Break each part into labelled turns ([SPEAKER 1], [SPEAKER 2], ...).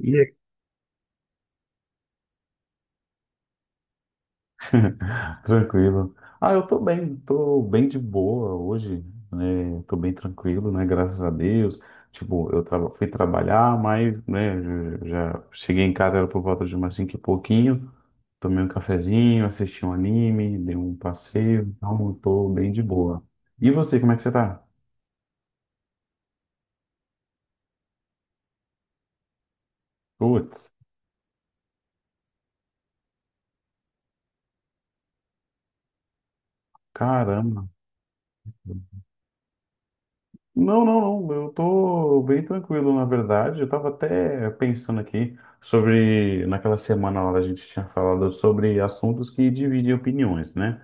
[SPEAKER 1] E aí? Tranquilo. Ah, eu tô bem de boa hoje, tô bem tranquilo, né? Graças a Deus. Tipo, eu fui trabalhar, mas, né, já já cheguei em casa, era por volta de umas cinco e pouquinho. Tomei um cafezinho, assisti um anime, dei um passeio, então eu tô bem de boa. E você, como é que você tá? Putz, caramba. Não, não, não. Eu tô bem tranquilo, na verdade. Eu tava até pensando aqui sobre, naquela semana lá a gente tinha falado sobre assuntos que dividem opiniões, né?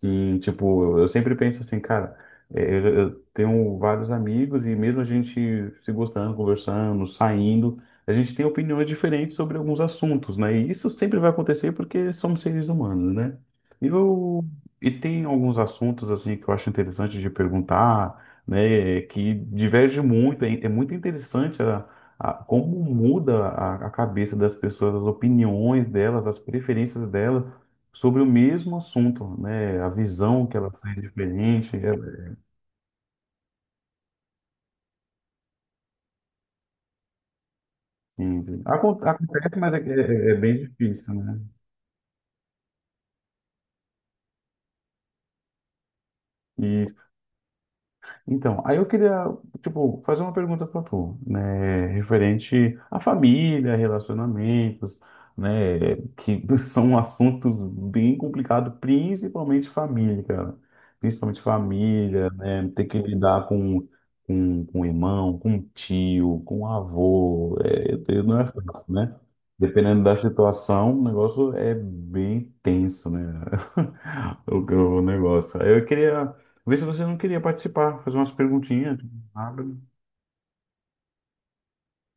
[SPEAKER 1] Sim, tipo, eu sempre penso assim, cara, eu tenho vários amigos e mesmo a gente se gostando, conversando, saindo, a gente tem opiniões diferentes sobre alguns assuntos, né? E isso sempre vai acontecer porque somos seres humanos, né? E, eu, e tem alguns assuntos, assim, que eu acho interessante de perguntar, né? Que diverge muito, é muito interessante como muda a cabeça das pessoas, as opiniões delas, as preferências delas sobre o mesmo assunto, né? A visão que elas têm é diferente. Enfim. Acontece, mas é bem difícil, né? E então, aí eu queria, tipo, fazer uma pergunta para tu, né, referente à família, relacionamentos, né, que são assuntos bem complicados, principalmente família, cara. Principalmente família, né, ter que lidar com, com irmão, com tio, com avô, não é fácil, né? Dependendo da situação, o negócio é bem tenso, né? O negócio. Aí eu queria vê se você não queria participar, fazer umas perguntinhas, nada.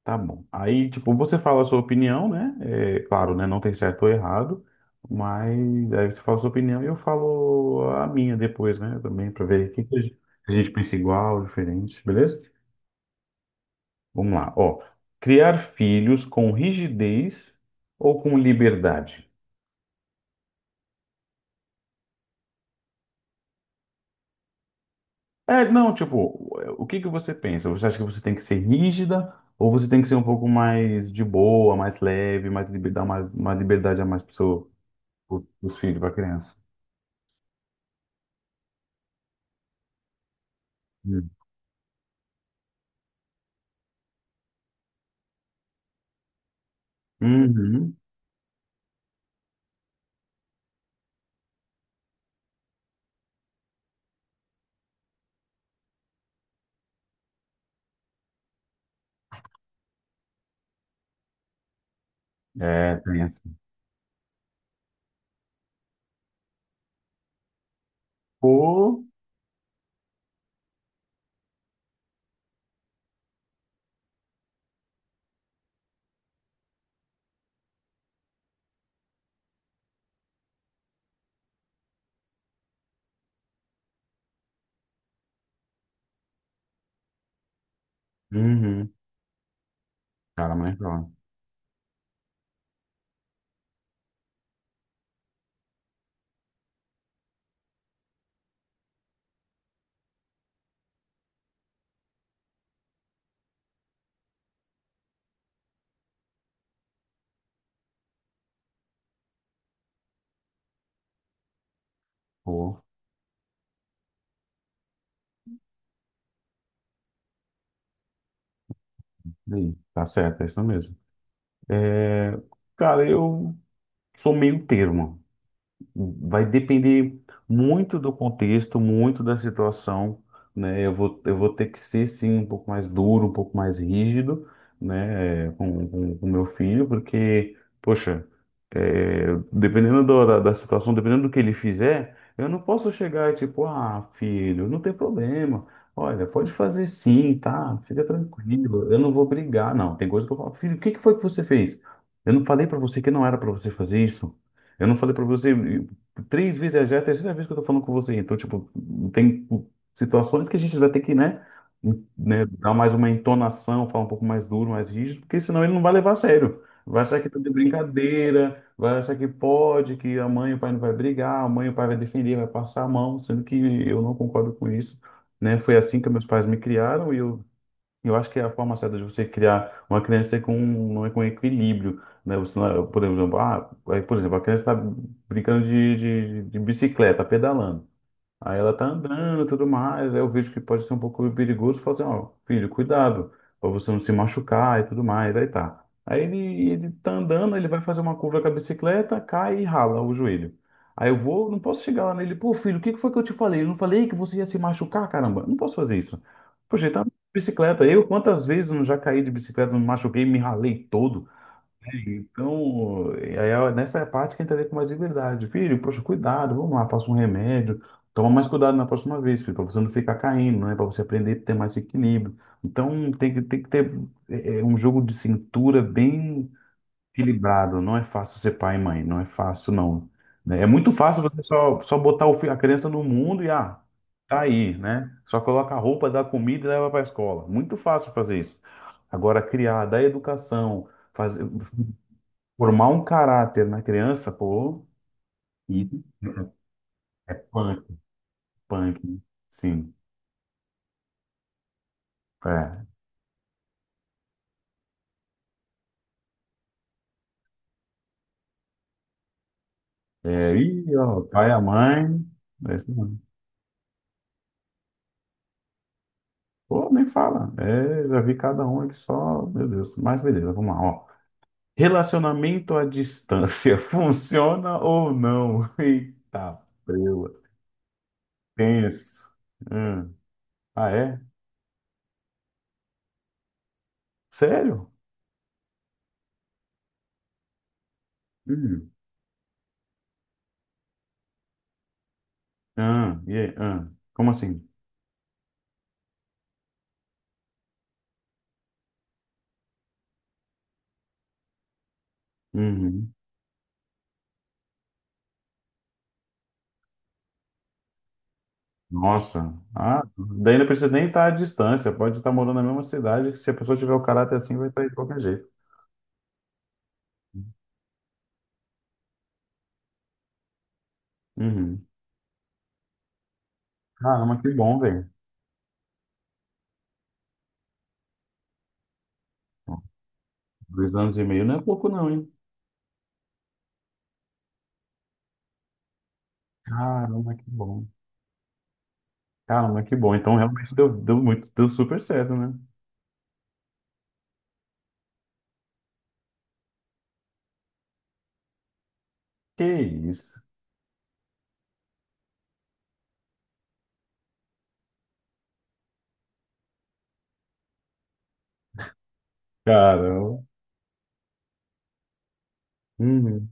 [SPEAKER 1] Tá bom. Aí, tipo, você fala a sua opinião, né? É, claro, né? Não tem certo ou errado, mas aí você fala a sua opinião e eu falo a minha depois, né? Também para ver o que que a gente pensa igual, diferente, beleza? Vamos lá. Ó, criar filhos com rigidez ou com liberdade? É, não, tipo, o que que você pensa? Você acha que você tem que ser rígida ou você tem que ser um pouco mais de boa, mais leve, dar mais liberdade a mais para os filhos, para criança? Hum. Uhum. É, tem essa. Pô. Uhum. Cara, mas ó, pô. Ih, tá certo, é isso mesmo. Cara, eu sou meio termo. Vai depender muito do contexto, muito da situação, né? Eu vou ter que ser, sim, um pouco mais duro, um pouco mais rígido, né? Com meu filho, porque, poxa, é, dependendo da situação, dependendo do que ele fizer, eu não posso chegar e tipo, ah, filho, não tem problema. Olha, pode fazer sim, tá? Fica tranquilo, eu não vou brigar, não. Tem coisa que eu falo, filho, o que que foi que você fez? Eu não falei pra você que não era pra você fazer isso. Eu não falei pra você. Três vezes já é a terceira vez que eu tô falando com você. Então, tipo, tem tipo, situações que a gente vai ter que, né, dar mais uma entonação, falar um pouco mais duro, mais rígido, porque senão ele não vai levar a sério. Vai achar que tá de brincadeira, vai achar que pode, que a mãe e o pai não vai brigar, a mãe e o pai vai defender, vai passar a mão, sendo que eu não concordo com isso, né? Foi assim que meus pais me criaram e eu acho que é a forma certa de você criar uma criança com um equilíbrio, né? Você, não- é, por exemplo, ah, aí, por exemplo, a criança está brincando de bicicleta, pedalando. Aí ela tá andando e tudo mais. Aí eu vejo que pode ser um pouco perigoso. Eu falo assim, ó, filho, cuidado, pra você não se machucar e tudo mais. Aí tá. Aí ele tá andando, ele vai fazer uma curva com a bicicleta, cai e rala o joelho. Aí não posso chegar lá nele, pô, filho, o que que foi que eu te falei? Eu não falei que você ia se machucar, caramba. Não posso fazer isso. Poxa, ele tá de bicicleta. Eu, quantas vezes eu não já caí de bicicleta, me machuquei, me ralei todo. Então, aí é nessa parte que a gente tem mais liberdade. Filho, poxa, cuidado, vamos lá, passa um remédio. Toma mais cuidado na próxima vez, filho, para você não ficar caindo, né? Para você aprender a ter mais equilíbrio. Então, tem que ter um jogo de cintura bem equilibrado. Não é fácil ser pai e mãe, não é fácil, não, né? É muito fácil você só botar a criança no mundo e, ah, tá aí, né? Só coloca a roupa, dá comida e leva para a escola. Muito fácil fazer isso. Agora, criar, dar educação, fazer. Formar um caráter na criança, pô, e punk, punk, sim. É, é, e ó, o pai, a mãe, é isso mesmo. Pô, nem fala. É, já vi cada um aqui só, meu Deus. Mas beleza, vamos lá, ó. Relacionamento à distância, funciona ou não? Eita, preula. Tenso. Hum. Ah, é? Sério? Hum. Ah, e aí? Ah, como assim? Uhum. Nossa, ah, daí não precisa nem estar à distância, pode estar morando na mesma cidade, que se a pessoa tiver o caráter assim, vai estar de qualquer jeito. Uhum. Caramba, que bom, velho. 2 anos e meio não é pouco não, hein? Caramba, que bom. Caramba, que bom. Então realmente deu, deu muito, deu super certo, né? Que isso. Caramba. Uhum.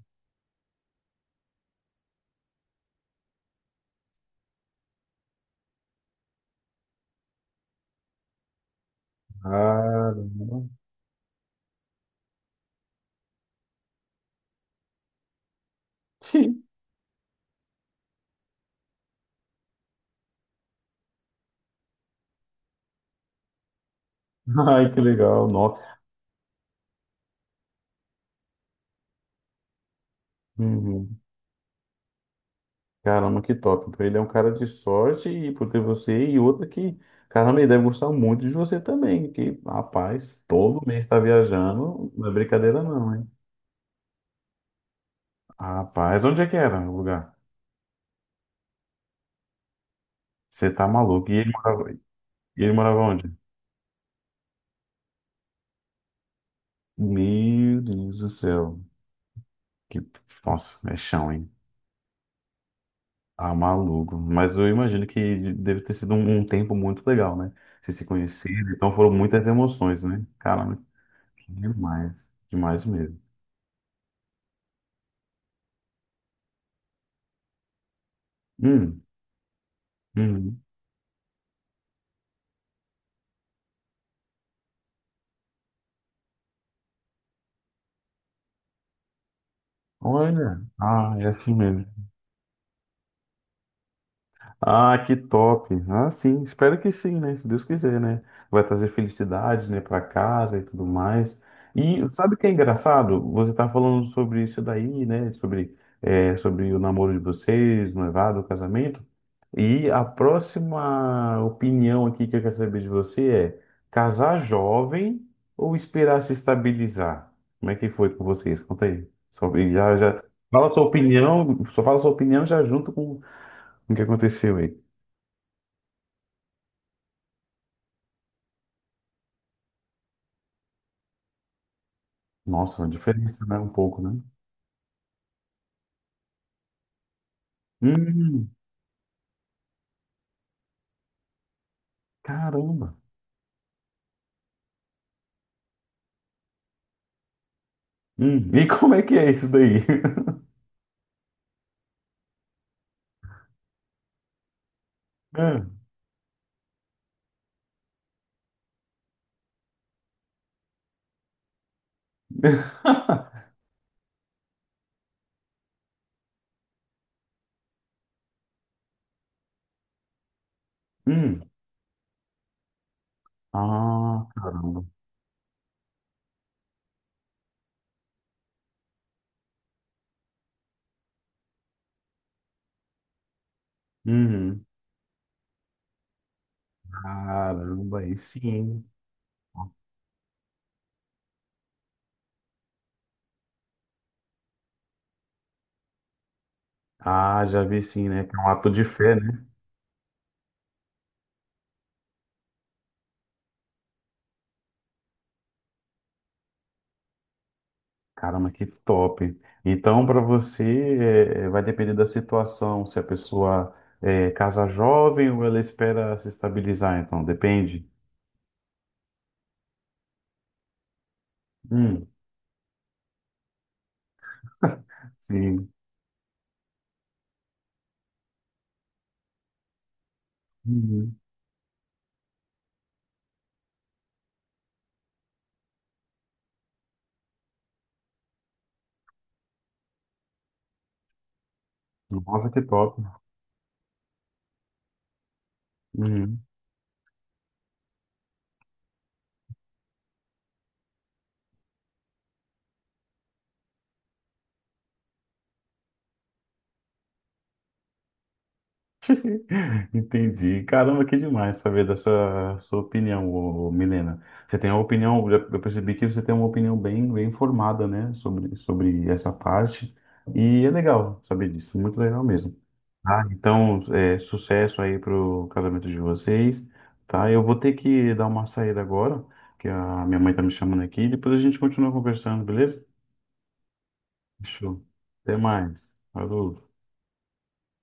[SPEAKER 1] Caramba. Ai, que legal. Nossa. Uhum. Caramba, que top. Então ele é um cara de sorte e por ter você e outra que, caramba, ele deve gostar muito de você também, que, rapaz, todo mês tá viajando, não é brincadeira não, hein? Rapaz, onde é que era o lugar? Você tá maluco. E ele morava onde? Meu Deus do céu. Que, nossa, é chão, hein? Ah, maluco. Mas eu imagino que deve ter sido um tempo muito legal, né? Vocês se conheceram, então foram muitas emoções, né? Caramba, que demais. Demais mesmo. Hum, uhum. Olha, ah, é assim mesmo. Ah, que top. Ah, sim, espero que sim, né? Se Deus quiser, né? Vai trazer felicidade, né, para casa e tudo mais. E sabe o que é engraçado? Você tá falando sobre isso daí, né? Sobre o namoro de vocês, noivado, o casamento. E a próxima opinião aqui que eu quero saber de você é casar jovem ou esperar se estabilizar? Como é que foi com vocês? Conta aí. Sobre, já, já, fala sua opinião, só fala sua opinião já junto com o que aconteceu aí. Nossa, uma diferença, né? Um pouco, né? Hum, caramba. E como é que é isso daí? Hum. Hum. Ah, caramba. Uhum. Caramba, aí sim. Ah, já vi sim, né? Que é um ato de fé, né? Caramba, que top. Então, para você, vai depender da situação, se a pessoa casa jovem ou ela espera se estabilizar, então, depende. Hum, sim. Uhum. Nossa, que top. Uhum. Entendi. Caramba, que demais saber dessa sua opinião, ô, ô, Milena. Você tem uma opinião, eu percebi que você tem uma opinião bem, bem formada, né, sobre, sobre essa parte. E é legal saber disso, muito legal mesmo. Ah, então, sucesso aí pro casamento de vocês, tá? Eu vou ter que dar uma saída agora, que a minha mãe tá me chamando aqui. Depois a gente continua conversando, beleza? Show. Até mais. Falou.